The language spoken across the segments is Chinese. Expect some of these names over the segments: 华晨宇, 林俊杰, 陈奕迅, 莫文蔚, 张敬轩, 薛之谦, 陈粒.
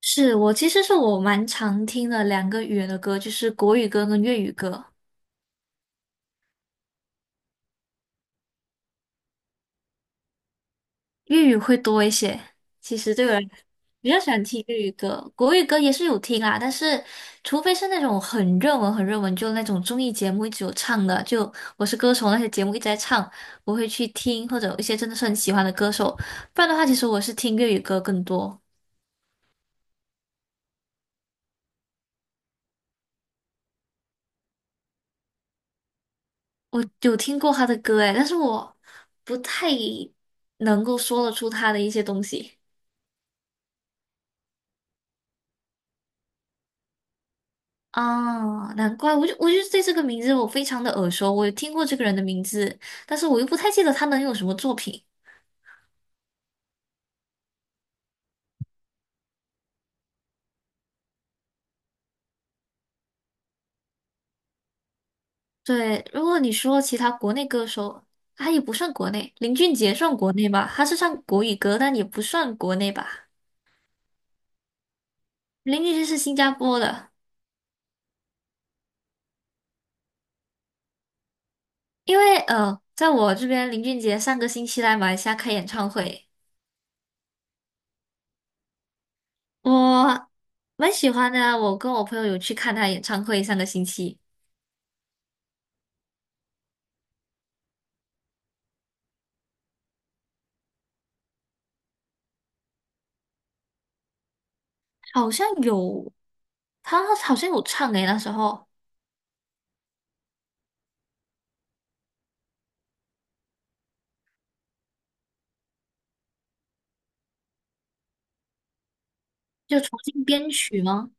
我其实蛮常听的两个语言的歌，就是国语歌跟粤语歌，粤语会多一些。其实对我来比较喜欢听粤语歌，国语歌也是有听啊，但是除非是那种很热门、很热门，就那种综艺节目一直有唱的，就《我是歌手》那些节目一直在唱，我会去听，或者有一些真的是很喜欢的歌手，不然的话，其实我是听粤语歌更多。我有听过他的歌诶，但是我不太能够说得出他的一些东西。啊，难怪，我就对这个名字我非常的耳熟，我有听过这个人的名字，但是我又不太记得他能有什么作品。对，如果你说其他国内歌手，他也不算国内，林俊杰算国内吧，他是唱国语歌，但也不算国内吧。林俊杰是新加坡的，因为在我这边，林俊杰上个星期来马来西亚开演唱会，我蛮喜欢的啊，我跟我朋友有去看他演唱会，上个星期。好像有，他好像有唱诶，那时候。就重新编曲吗？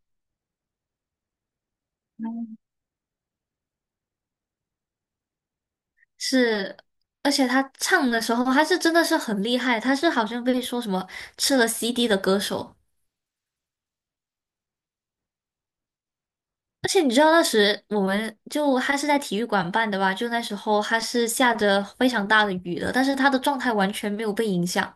是，而且他唱的时候，他是真的是很厉害，他是好像被说什么吃了 CD 的歌手。而且你知道那时就他是在体育馆办的吧？就那时候他是下着非常大的雨的，但是他的状态完全没有被影响。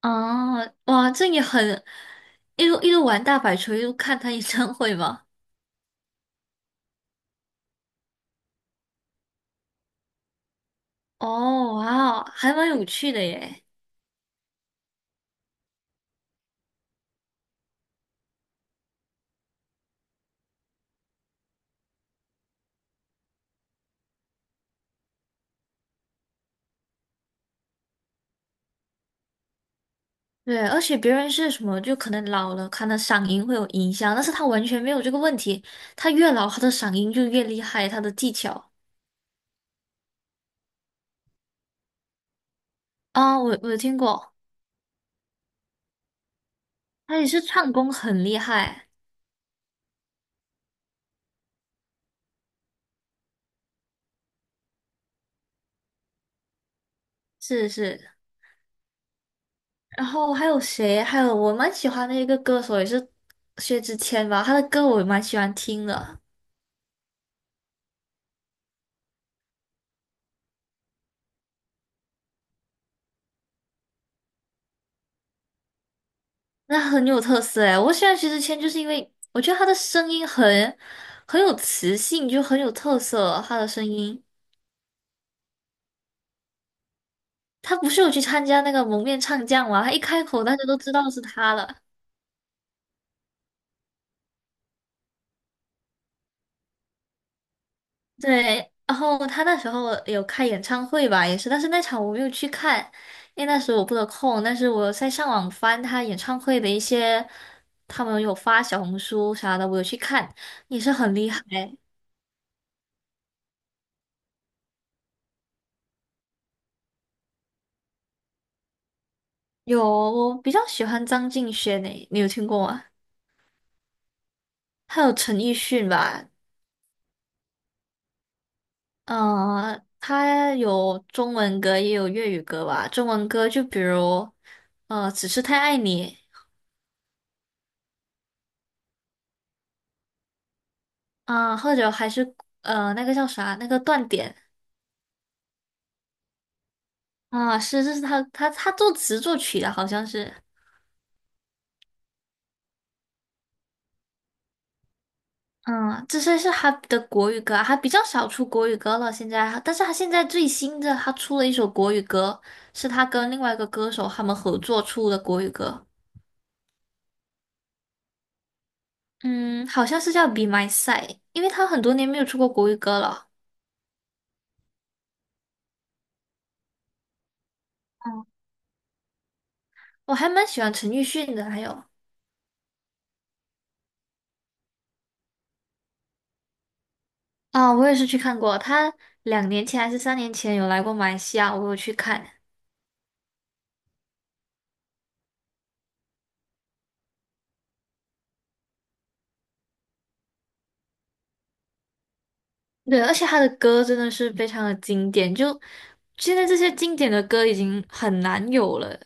啊，哇，这也很一路一路玩大摆锤，一路看他演唱会嘛。哦，哇，还蛮有趣的耶。对，而且别人是什么，就可能老了，可能嗓音会有影响，但是他完全没有这个问题。他越老，他的嗓音就越厉害，他的技巧啊，我有听过，他也是唱功很厉害，是是。然后还有谁？还有我蛮喜欢的一个歌手，也是薛之谦吧，他的歌我也蛮喜欢听的，那很有特色诶。我喜欢薛之谦，就是因为我觉得他的声音很有磁性，就很有特色，他的声音。他不是有去参加那个蒙面唱将吗？他一开口大家都知道是他了。对，然后他那时候有开演唱会吧，也是，但是那场我没有去看，因为那时候我不得空。但是我在上网翻他演唱会的一些，他们有发小红书啥的，我有去看，也是很厉害。有，我比较喜欢张敬轩诶，你有听过吗？还有陈奕迅吧，他有中文歌，也有粤语歌吧。中文歌就比如，《只是太爱你》啊、或者还是那个叫啥，那个断点啊、是这是他作词作曲的，好像是。嗯，这些是他的国语歌啊，他比较少出国语歌了。现在，但是他现在最新的，他出了一首国语歌，是他跟另外一个歌手他们合作出的国语歌。嗯，好像是叫《Be My Side》，因为他很多年没有出过国语歌了。我还蛮喜欢陈奕迅的，还有啊、我也是去看过，他2年前还是3年前有来过马来西亚，我有去看。对，而且他的歌真的是非常的经典，就现在这些经典的歌已经很难有了。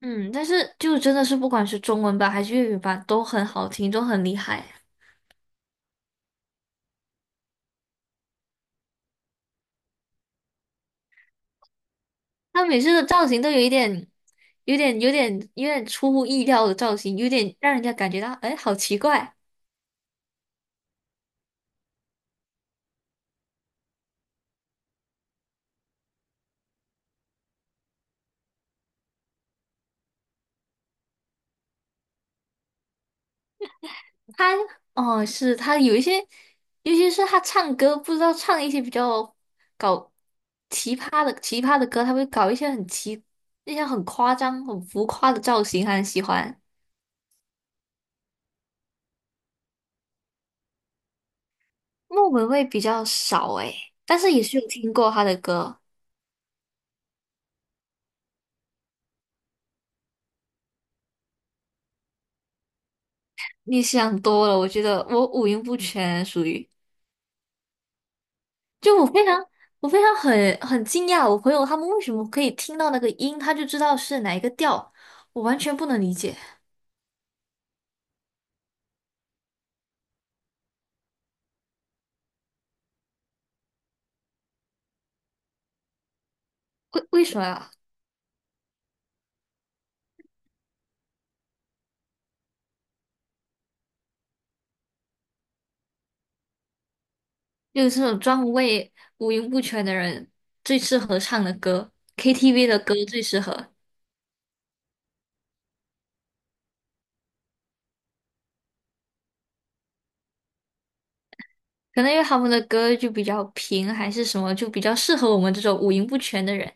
嗯，但是就真的是不管是中文版还是粤语版都很好听，都很厉害。他每次的造型都有一点、有点、有点、有点出乎意料的造型，有点让人家感觉到，哎，好奇怪。他哦，是他有一些，尤其是他唱歌，不知道唱一些比较搞奇葩的奇葩的歌，他会搞一些一些很夸张、很浮夸的造型，他很喜欢。莫文蔚比较少诶，但是也是有听过他的歌。你想多了，我觉得我五音不全，就我非常很惊讶，我朋友他们为什么可以听到那个音，他就知道是哪一个调，我完全不能理解，为什么呀？就是这种专为五音不全的人最适合唱的歌，KTV 的歌最适合。可能因为他们的歌就比较平，还是什么，就比较适合我们这种五音不全的人。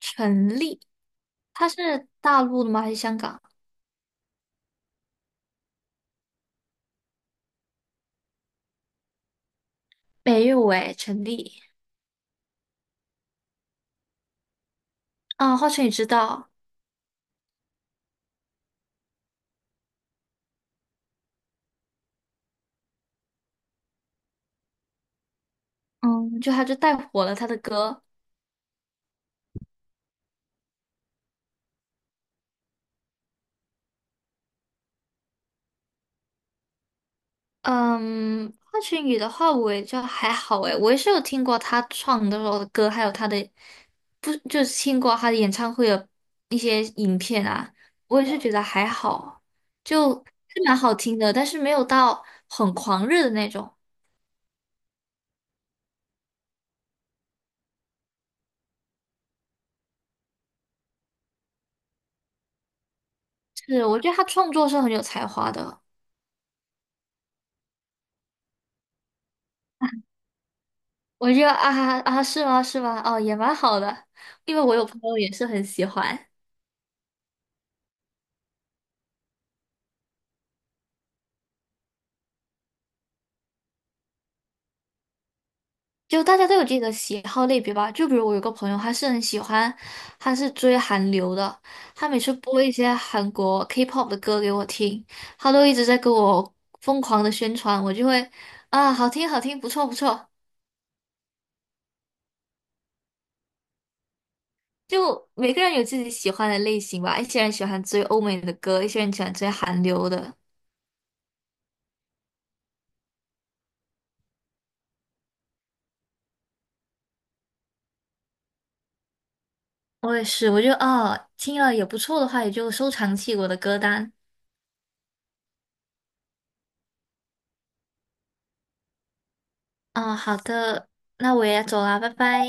陈粒，他是大陆的吗？还是香港？没有诶，陈粒。啊，华晨宇知道，嗯，他就带火了他的歌，嗯，华晨宇的话，我也就还好诶，我也是有听过他唱的时的歌，还有他的，不，就是听过他的演唱会的一些影片啊，我也是觉得还好，就是蛮好听的，但是没有到很狂热的那种。是，我觉得他创作是很有才华的。我觉得啊啊，啊是吗？是吗？哦，也蛮好的，因为我有朋友也是很喜欢。就大家都有自己的喜好类别吧。就比如我有个朋友，他是很喜欢，他是追韩流的，他每次播一些韩国 K-pop 的歌给我听，他都一直在给我疯狂的宣传，我就会啊，好听好听，不错不错。就每个人有自己喜欢的类型吧，一些人喜欢追欧美的歌，一些人喜欢追韩流的。我也是，我就啊，听了也不错的话，也就收藏起我的歌单。啊，好的，那我也走啦，拜拜。